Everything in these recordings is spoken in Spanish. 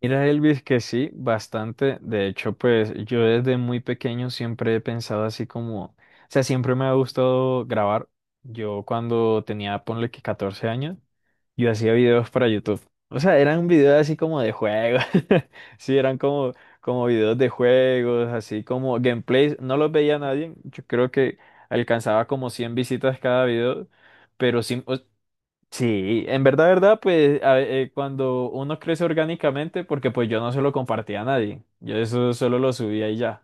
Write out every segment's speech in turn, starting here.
Mira, Elvis, que sí, bastante. De hecho, pues yo desde muy pequeño siempre he pensado así como, o sea, siempre me ha gustado grabar. Yo cuando tenía, ponle que 14 años, yo hacía videos para YouTube. O sea, eran videos así como de juegos. Sí, eran como, como videos de juegos, así como gameplays. No los veía nadie. Yo creo que alcanzaba como 100 visitas cada video. Pero sí, sí, en verdad, verdad, pues cuando uno crece orgánicamente, porque pues yo no se lo compartía a nadie, yo eso solo lo subía y ya.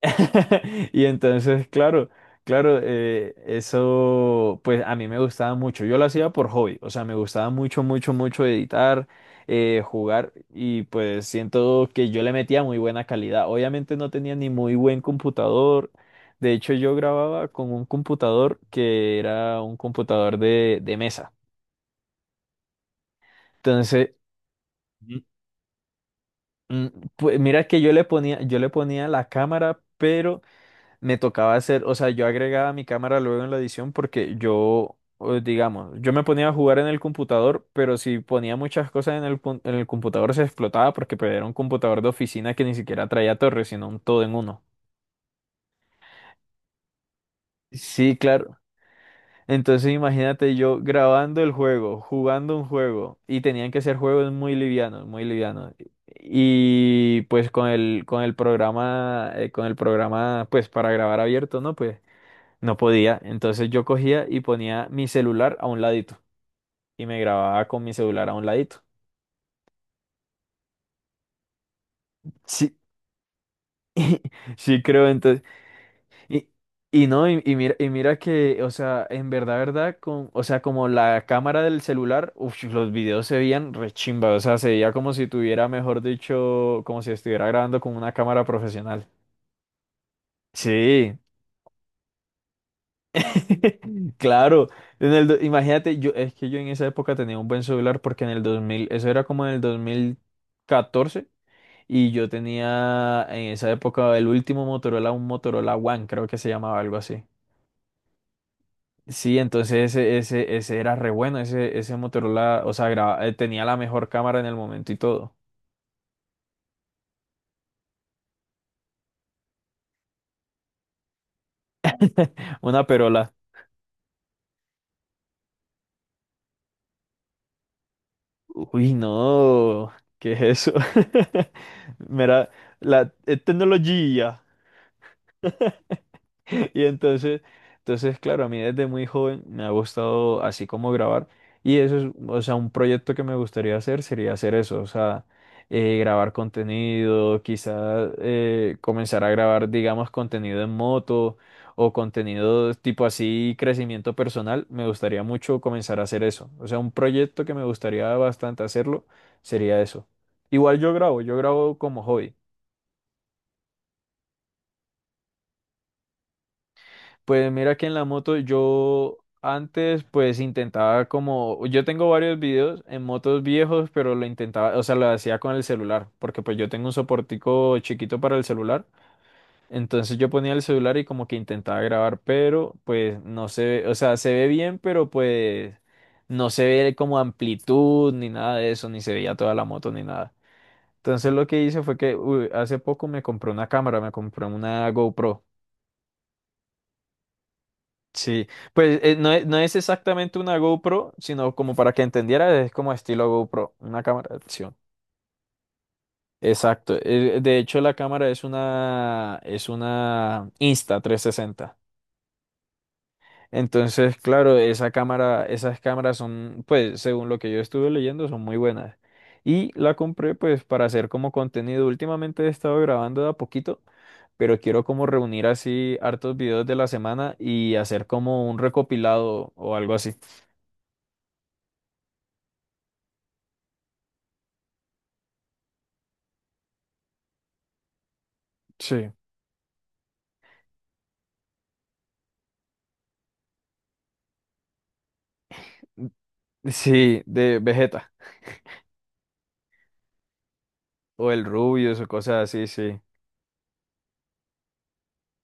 Y entonces, claro, claro, eso pues a mí me gustaba mucho, yo lo hacía por hobby, o sea, me gustaba mucho, mucho, mucho editar, jugar y pues siento que yo le metía muy buena calidad. Obviamente no tenía ni muy buen computador. De hecho, yo grababa con un computador que era un computador de mesa. Entonces, ujú, mm, pues mira que yo le ponía la cámara, pero me tocaba hacer, o sea, yo agregaba mi cámara luego en la edición porque yo, digamos, yo me ponía a jugar en el computador, pero si ponía muchas cosas en en el computador se explotaba porque pues, era un computador de oficina que ni siquiera traía torres, sino un todo en uno. Sí, claro. Entonces imagínate yo grabando el juego, jugando un juego, y tenían que ser juegos muy livianos, muy livianos. Y pues con el programa, pues para grabar abierto, ¿no? Pues no podía. Entonces yo cogía y ponía mi celular a un ladito. Y me grababa con mi celular a un ladito. Sí, sí creo. Entonces Y, y no, y mira, que, o sea, en verdad, verdad, con, o sea, como la cámara del celular, uf, los videos se veían rechimba, o sea, se veía como si tuviera, mejor dicho, como si estuviera grabando con una cámara profesional. Sí, claro. Imagínate, yo, es que yo en esa época tenía un buen celular porque en el 2000 eso era como en el 2014 y yo tenía en esa época el último Motorola, un Motorola One, creo que se llamaba algo así. Sí, entonces ese era re bueno, ese Motorola, o sea, tenía la mejor cámara en el momento y todo. Una perola. Uy, no, ¿qué es eso? Mira, la tecnología. Y entonces, claro, a mí desde muy joven me ha gustado así como grabar. Y eso es, o sea, un proyecto que me gustaría hacer sería hacer eso, o sea, grabar contenido, quizás comenzar a grabar, digamos, contenido en moto o contenido tipo así, crecimiento personal. Me gustaría mucho comenzar a hacer eso. O sea, un proyecto que me gustaría bastante hacerlo sería eso. Igual yo grabo como hobby. Pues mira que en la moto yo antes pues intentaba como, yo tengo varios videos en motos viejos, pero lo intentaba, o sea, lo hacía con el celular, porque pues yo tengo un soportico chiquito para el celular, entonces yo ponía el celular y como que intentaba grabar, pero pues no se ve, o sea, se ve bien, pero pues no se ve como amplitud ni nada de eso, ni se veía toda la moto ni nada. Entonces lo que hice fue que uy, hace poco me compré una cámara, me compré una GoPro. Sí, pues no es, no es exactamente una GoPro, sino como para que entendiera, es como estilo GoPro, una cámara de acción. Exacto. De hecho, la cámara es una insta 360. Entonces, claro, esa cámara, esas cámaras son, pues, según lo que yo estuve leyendo, son muy buenas. Y la compré, pues, para hacer como contenido. Últimamente he estado grabando de a poquito, pero quiero como reunir así hartos videos de la semana y hacer como un recopilado o algo así. Sí. Sí, de Vegeta o el rubio o cosas así, sí.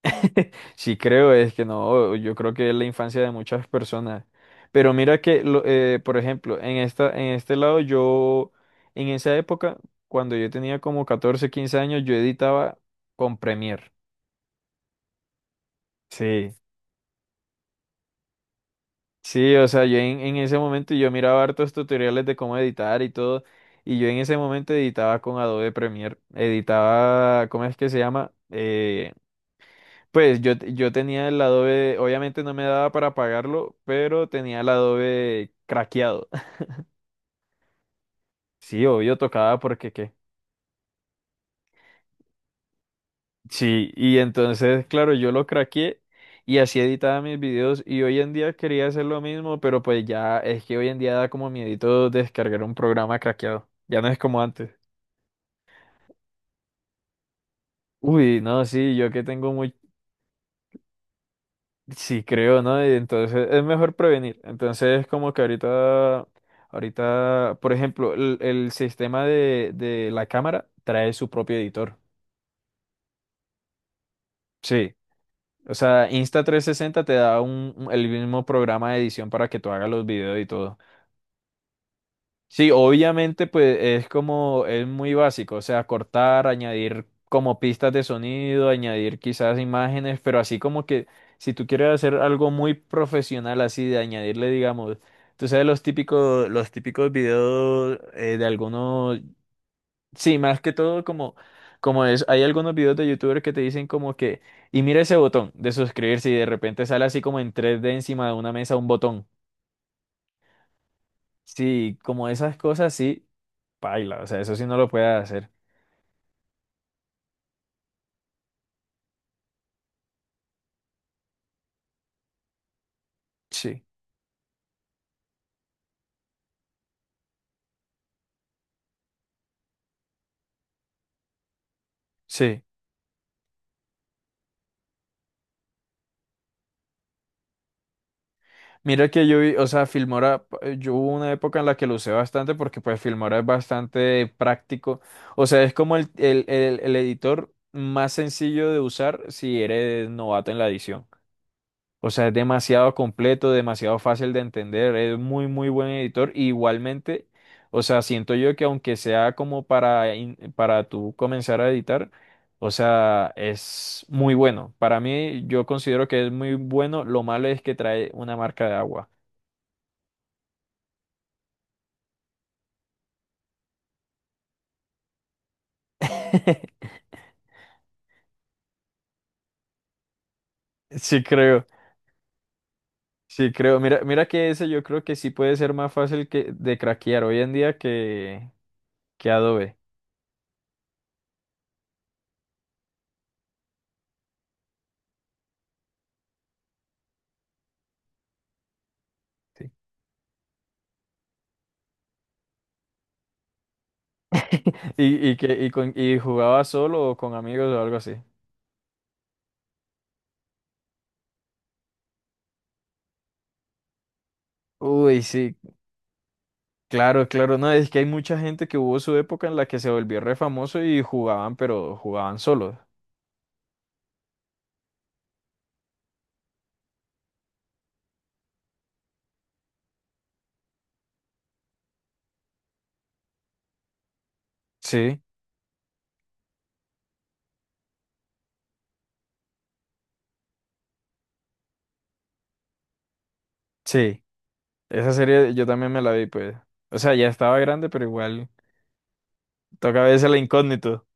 Sí creo, es que no, yo creo que es la infancia de muchas personas. Pero mira que, por ejemplo, en este lado yo, en esa época, cuando yo tenía como 14 15 años, yo editaba con Premiere. Sí, sí, o sea, yo en ese momento yo miraba hartos tutoriales de cómo editar y todo, y yo en ese momento editaba con Adobe Premiere, editaba, ¿cómo es que se llama? Pues yo, tenía el Adobe, obviamente no me daba para pagarlo, pero tenía el Adobe craqueado. Sí, obvio, tocaba porque qué. Sí, y entonces, claro, yo lo craqueé y así editaba mis videos y hoy en día quería hacer lo mismo, pero pues ya es que hoy en día da como miedito descargar un programa craqueado. Ya no es como antes. Uy, no, sí, yo que tengo muy, sí, creo, ¿no? Y entonces es mejor prevenir. Entonces, como que ahorita, por ejemplo, el sistema de la cámara trae su propio editor. Sí. O sea, insta trescientos sesenta te da un, el mismo programa de edición para que tú hagas los videos y todo. Sí, obviamente, pues es como, es muy básico, o sea, cortar, añadir como pistas de sonido, añadir quizás imágenes, pero así como que si tú quieres hacer algo muy profesional, así de añadirle, digamos, tú sabes los típicos videos de algunos, sí, más que todo como, como es, hay algunos videos de YouTubers que te dicen como que, y mira ese botón de suscribirse y de repente sale así como en 3D encima de una mesa un botón. Sí, como esas cosas, sí, paila, o sea, eso sí no lo puedes hacer. Sí, sí. Mira que yo vi, o sea, Filmora, yo hubo una época en la que lo usé bastante porque pues Filmora es bastante práctico, o sea, es como el editor más sencillo de usar si eres novato en la edición. O sea, es demasiado completo, demasiado fácil de entender, es muy, muy buen editor. Y igualmente, o sea, siento yo que aunque sea como para, para tú comenzar a editar, o sea, es muy bueno. Para mí, yo considero que es muy bueno. Lo malo es que trae una marca de agua. Sí creo, sí creo. Mira, que ese yo creo que sí puede ser más fácil que, de craquear hoy en día que Adobe. Sí. Y jugaba solo o con amigos o algo así. Uy, sí, claro, claro, no, es que hay mucha gente que hubo su época en la que se volvió re famoso y jugaban, pero jugaban solos. Sí, sí, esa serie yo también me la vi, pues. O sea, ya estaba grande, pero igual toca a veces la incógnito,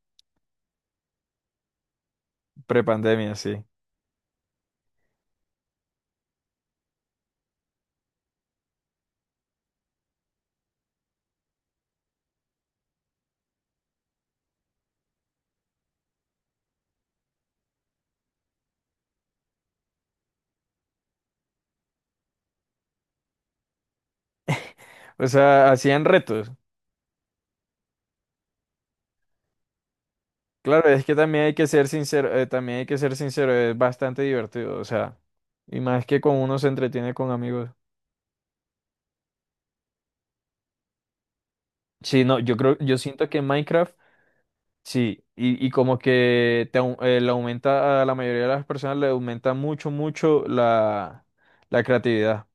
prepandemia, sí. O sea, hacían retos. Claro, es que también hay que ser sincero, es bastante divertido, o sea, y más que con uno se entretiene con amigos. Sí, no, yo creo, yo siento que Minecraft, sí, y como que te, le aumenta a la mayoría de las personas, le aumenta mucho, mucho la, la creatividad.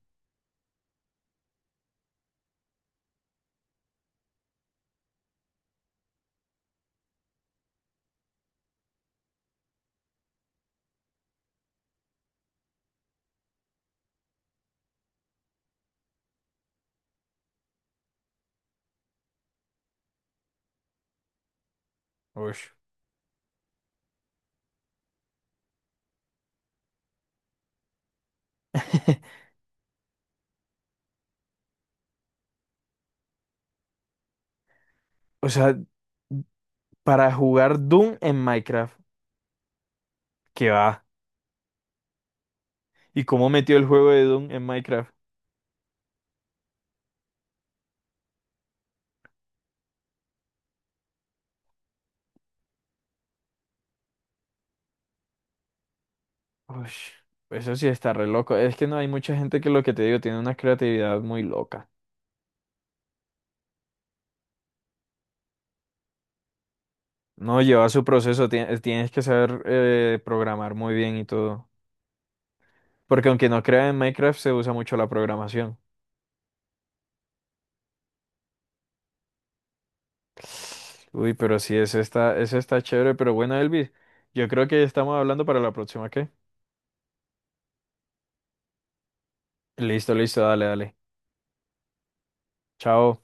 Ush. O sea, para jugar Doom en Minecraft, ¿qué va? ¿Y cómo metió el juego de Doom en Minecraft? Ush, eso sí está re loco. Es que no hay mucha gente que lo que te digo tiene una creatividad muy loca. No lleva su proceso, tienes que saber programar muy bien y todo. Porque aunque no creas en Minecraft, se usa mucho la programación. Uy, pero sí, es está, eso está chévere, pero bueno, Elvis, yo creo que estamos hablando para la próxima, ¿qué? Listo, listo, dale, dale. Chao.